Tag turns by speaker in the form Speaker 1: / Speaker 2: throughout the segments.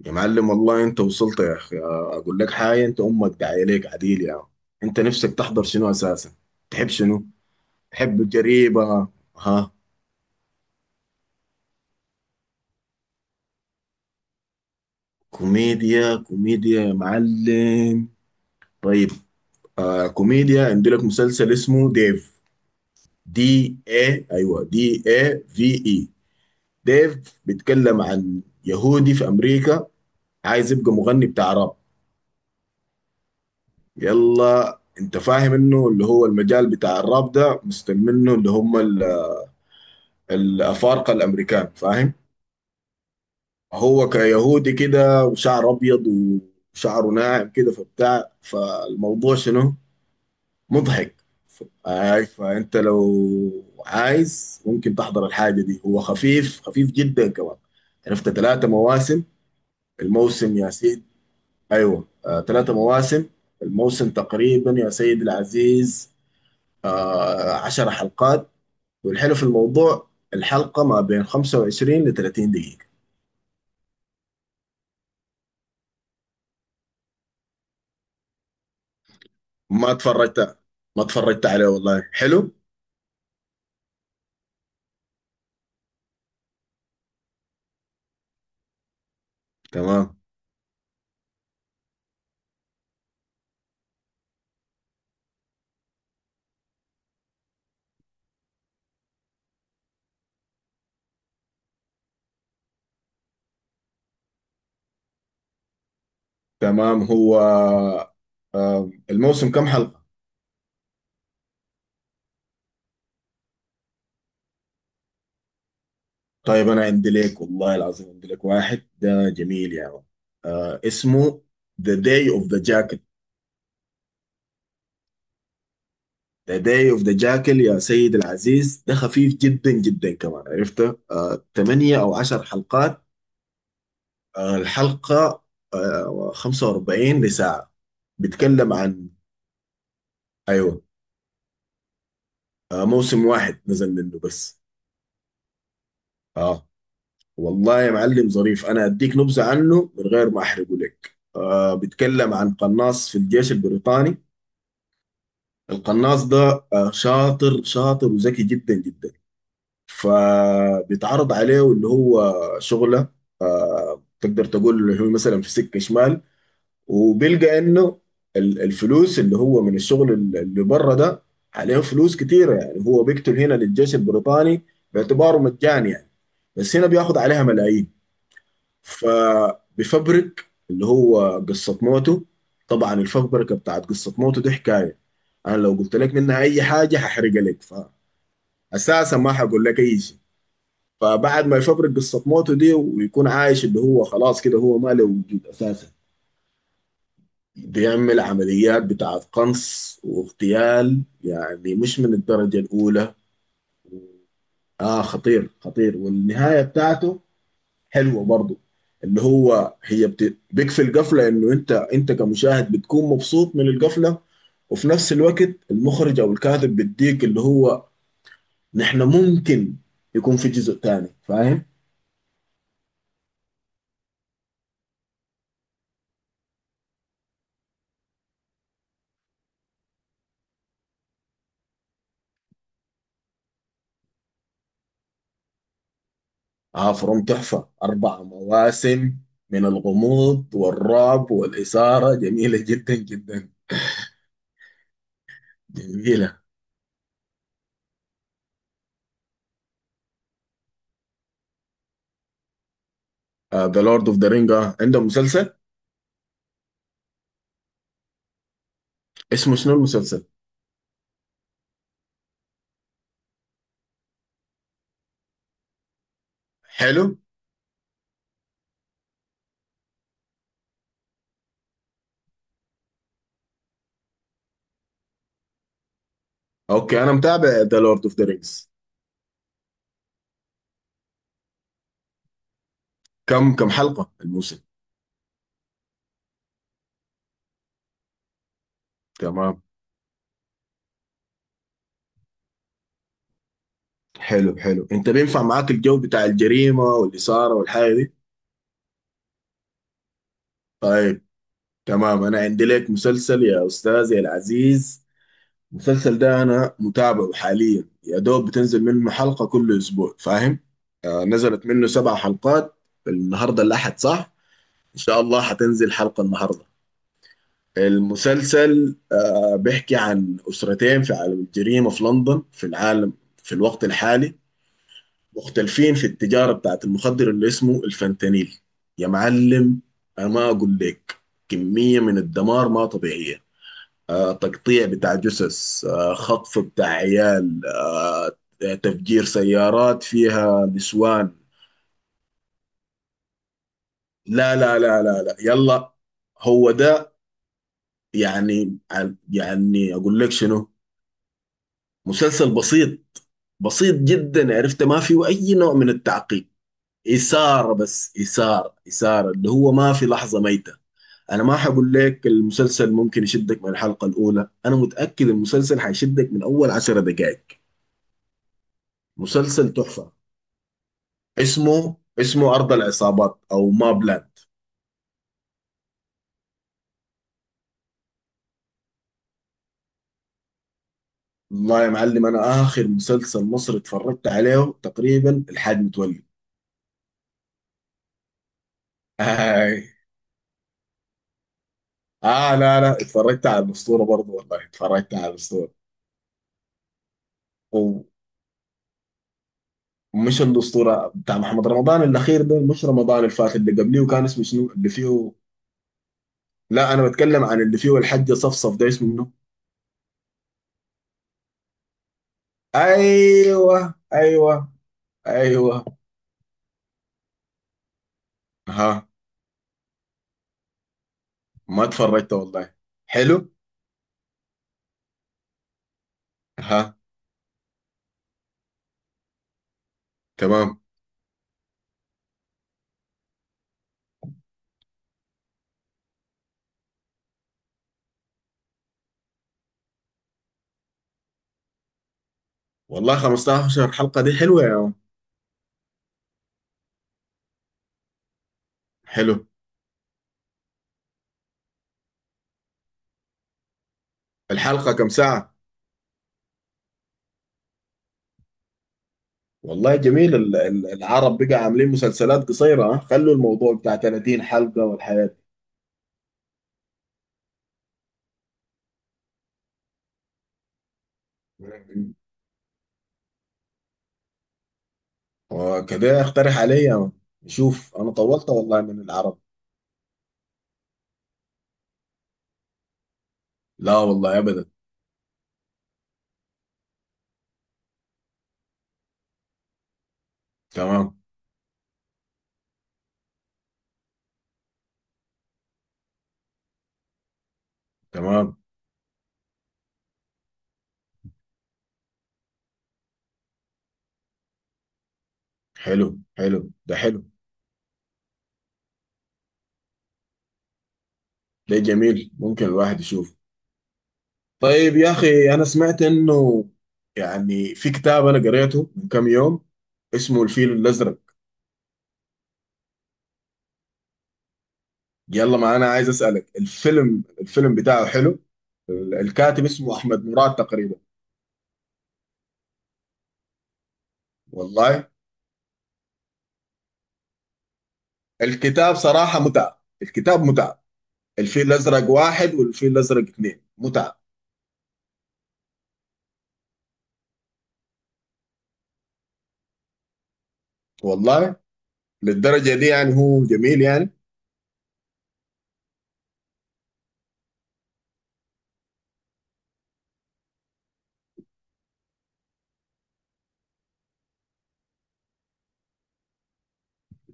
Speaker 1: يا معلم والله انت وصلت يا اخي. اقول لك حاجه، انت امك داعيه ليك عديل يا عم. انت نفسك تحضر شنو اساسا؟ تحب شنو؟ تحب الجريمه؟ ها؟ كوميديا كوميديا يا معلم. طيب. كوميديا، عندي لك مسلسل اسمه ديف. دي اي، ايوه، دي اي في اي. ديف بيتكلم عن يهودي في امريكا، عايز يبقى مغني بتاع راب. يلا، انت فاهم انه اللي هو المجال بتاع الراب ده مستلمينه اللي هم الأفارقة الأمريكان، فاهم؟ هو كيهودي كده وشعر أبيض وشعره ناعم كده، فبتاع فالموضوع شنو؟ مضحك. ف- آي، فأنت لو عايز ممكن تحضر الحاجة دي. هو خفيف خفيف جدا كمان. عرفت 3 مواسم، الموسم يا سيد. أيوة، 3 مواسم. الموسم تقريبا يا سيد العزيز، 10 حلقات. والحلو في الموضوع، الحلقة ما بين 25 ل 30 دقيقة. ما اتفرجت ما اتفرجت عليه، والله حلو. تمام، تمام هو. الموسم كم حلقة؟ طيب، انا عندي لك والله العظيم، عندي لك واحد ده جميل يا يعني. آه اسمه The Day of the Jackal. The Day of the Jackal يا سيد العزيز، ده خفيف جدا جدا كمان، عرفته 8 او 10 حلقات. الحلقة 45 لساعة. بيتكلم عن، ايوه، موسم واحد نزل منه بس. اه. والله يا معلم ظريف، انا اديك نبذه عنه من غير ما احرقه لك. بيتكلم عن قناص في الجيش البريطاني. القناص ده شاطر شاطر وذكي جدا جدا. فبيتعرض عليه اللي هو شغله، تقدر تقول اللي هو مثلا في سكه شمال، وبيلقى انه الفلوس اللي هو من الشغل اللي بره ده عليه فلوس كتيره. يعني هو بيقتل هنا للجيش البريطاني باعتباره مجاني يعني، بس هنا بياخد عليها ملايين. فبيفبرك اللي هو قصة موته. طبعا الفبركة بتاعت قصة موته دي حكاية. أنا لو قلت لك منها أي حاجة هحرقها لك، فأساسا ما هقول لك أي شيء. فبعد ما يفبرك قصة موته دي ويكون عايش، اللي هو خلاص كده هو ما له وجود أساسا، بيعمل عمليات بتاعت قنص واغتيال، يعني مش من الدرجة الأولى. خطير خطير، والنهاية بتاعته حلوه برضو. اللي هو هي بيكفي القفله انه انت كمشاهد بتكون مبسوط من القفله. وفي نفس الوقت المخرج او الكاتب بيديك اللي هو نحن ممكن يكون في جزء تاني، فاهم؟ اه فروم تحفه، 4 مواسم، من الغموض والرعب والاثاره، جميله جدا جدا. جميله. ذا لورد اوف ذا رينج، عندهم مسلسل اسمه شنو المسلسل؟ حلو. اوكي، انا متابع ذا لورد اوف ذا رينجز. كم حلقه الموسم؟ تمام. حلو حلو، انت بينفع معاك الجو بتاع الجريمة والإثارة والحاجة دي؟ طيب. تمام، انا عندي لك مسلسل يا استاذي العزيز. المسلسل ده انا متابعه حاليا، يا دوب بتنزل منه حلقة كل اسبوع، فاهم؟ نزلت منه 7 حلقات. النهارده الاحد صح؟ ان شاء الله حتنزل حلقة النهارده. المسلسل بيحكي عن اسرتين في عالم الجريمة في لندن، في العالم في الوقت الحالي، مختلفين في التجارة بتاعت المخدر اللي اسمه الفentanyl يا معلم. أنا ما أقول لك، كمية من الدمار ما طبيعية. تقطيع بتاع جثث، خطف بتاع عيال، تفجير سيارات فيها نسوان. لا لا لا لا لا، يلا، هو ده. يعني أقول لك شنو، مسلسل بسيط، بسيط جدا، عرفت ما فيه أي نوع من التعقيد. إثارة، بس إثارة إثارة، اللي هو ما في لحظة ميتة. انا ما حقول لك المسلسل ممكن يشدك من الحلقة الاولى، انا متأكد المسلسل حيشدك من اول 10 دقائق. مسلسل تحفة، اسمه ارض العصابات او مابلاند. والله يا معلم انا اخر مسلسل مصري اتفرجت عليه تقريبا الحاج متولي. آه. اه، لا لا، اتفرجت على الاسطورة برضه، والله اتفرجت على الاسطورة ومش. الاسطورة بتاع محمد رمضان الاخير، ده مش رمضان اللي فات، اللي قبليه، وكان اسمه شنو اللي فيه؟ لا، انا بتكلم عن اللي فيه الحجة صفصف، ده اسمه منه؟ ايوه ايوه. ايوه. ها. ما اتفرجت والله. حلو. ها. تمام. والله 15 حلقة دي حلوة يا عم. حلو. الحلقة كم ساعة؟ والله جميل، العرب بقى عاملين مسلسلات قصيرة، ها، خلوا الموضوع بتاع 30 حلقة والحياة دي. مم. وكده اقترح علي يا عم. شوف انا طولت والله من العرب. لا والله ابدا. تمام تمام. حلو حلو. ده حلو. ده جميل، ممكن الواحد يشوفه. طيب يا أخي، أنا سمعت إنه يعني في كتاب أنا قريته من كم يوم، اسمه الفيل الأزرق. يلا، ما أنا عايز أسألك الفيلم، بتاعه حلو؟ الكاتب اسمه أحمد مراد تقريبا. والله. الكتاب صراحة متعة، الكتاب متعة. الفيل الأزرق واحد والفيل الأزرق اثنين متعة. والله، للدرجة دي يعني، هو جميل يعني.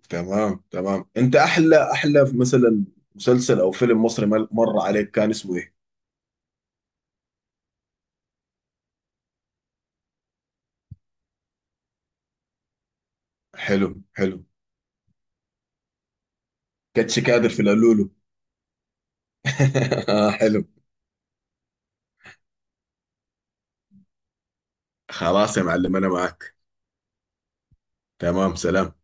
Speaker 1: تمام تمام. أنت أحلى، أحلى مثلا مسلسل أو فيلم مصري مر عليك كان اسمه إيه؟ حلو حلو. كاتش كادر في القلولو. حلو. خلاص يا معلم انا معك. تمام، سلام.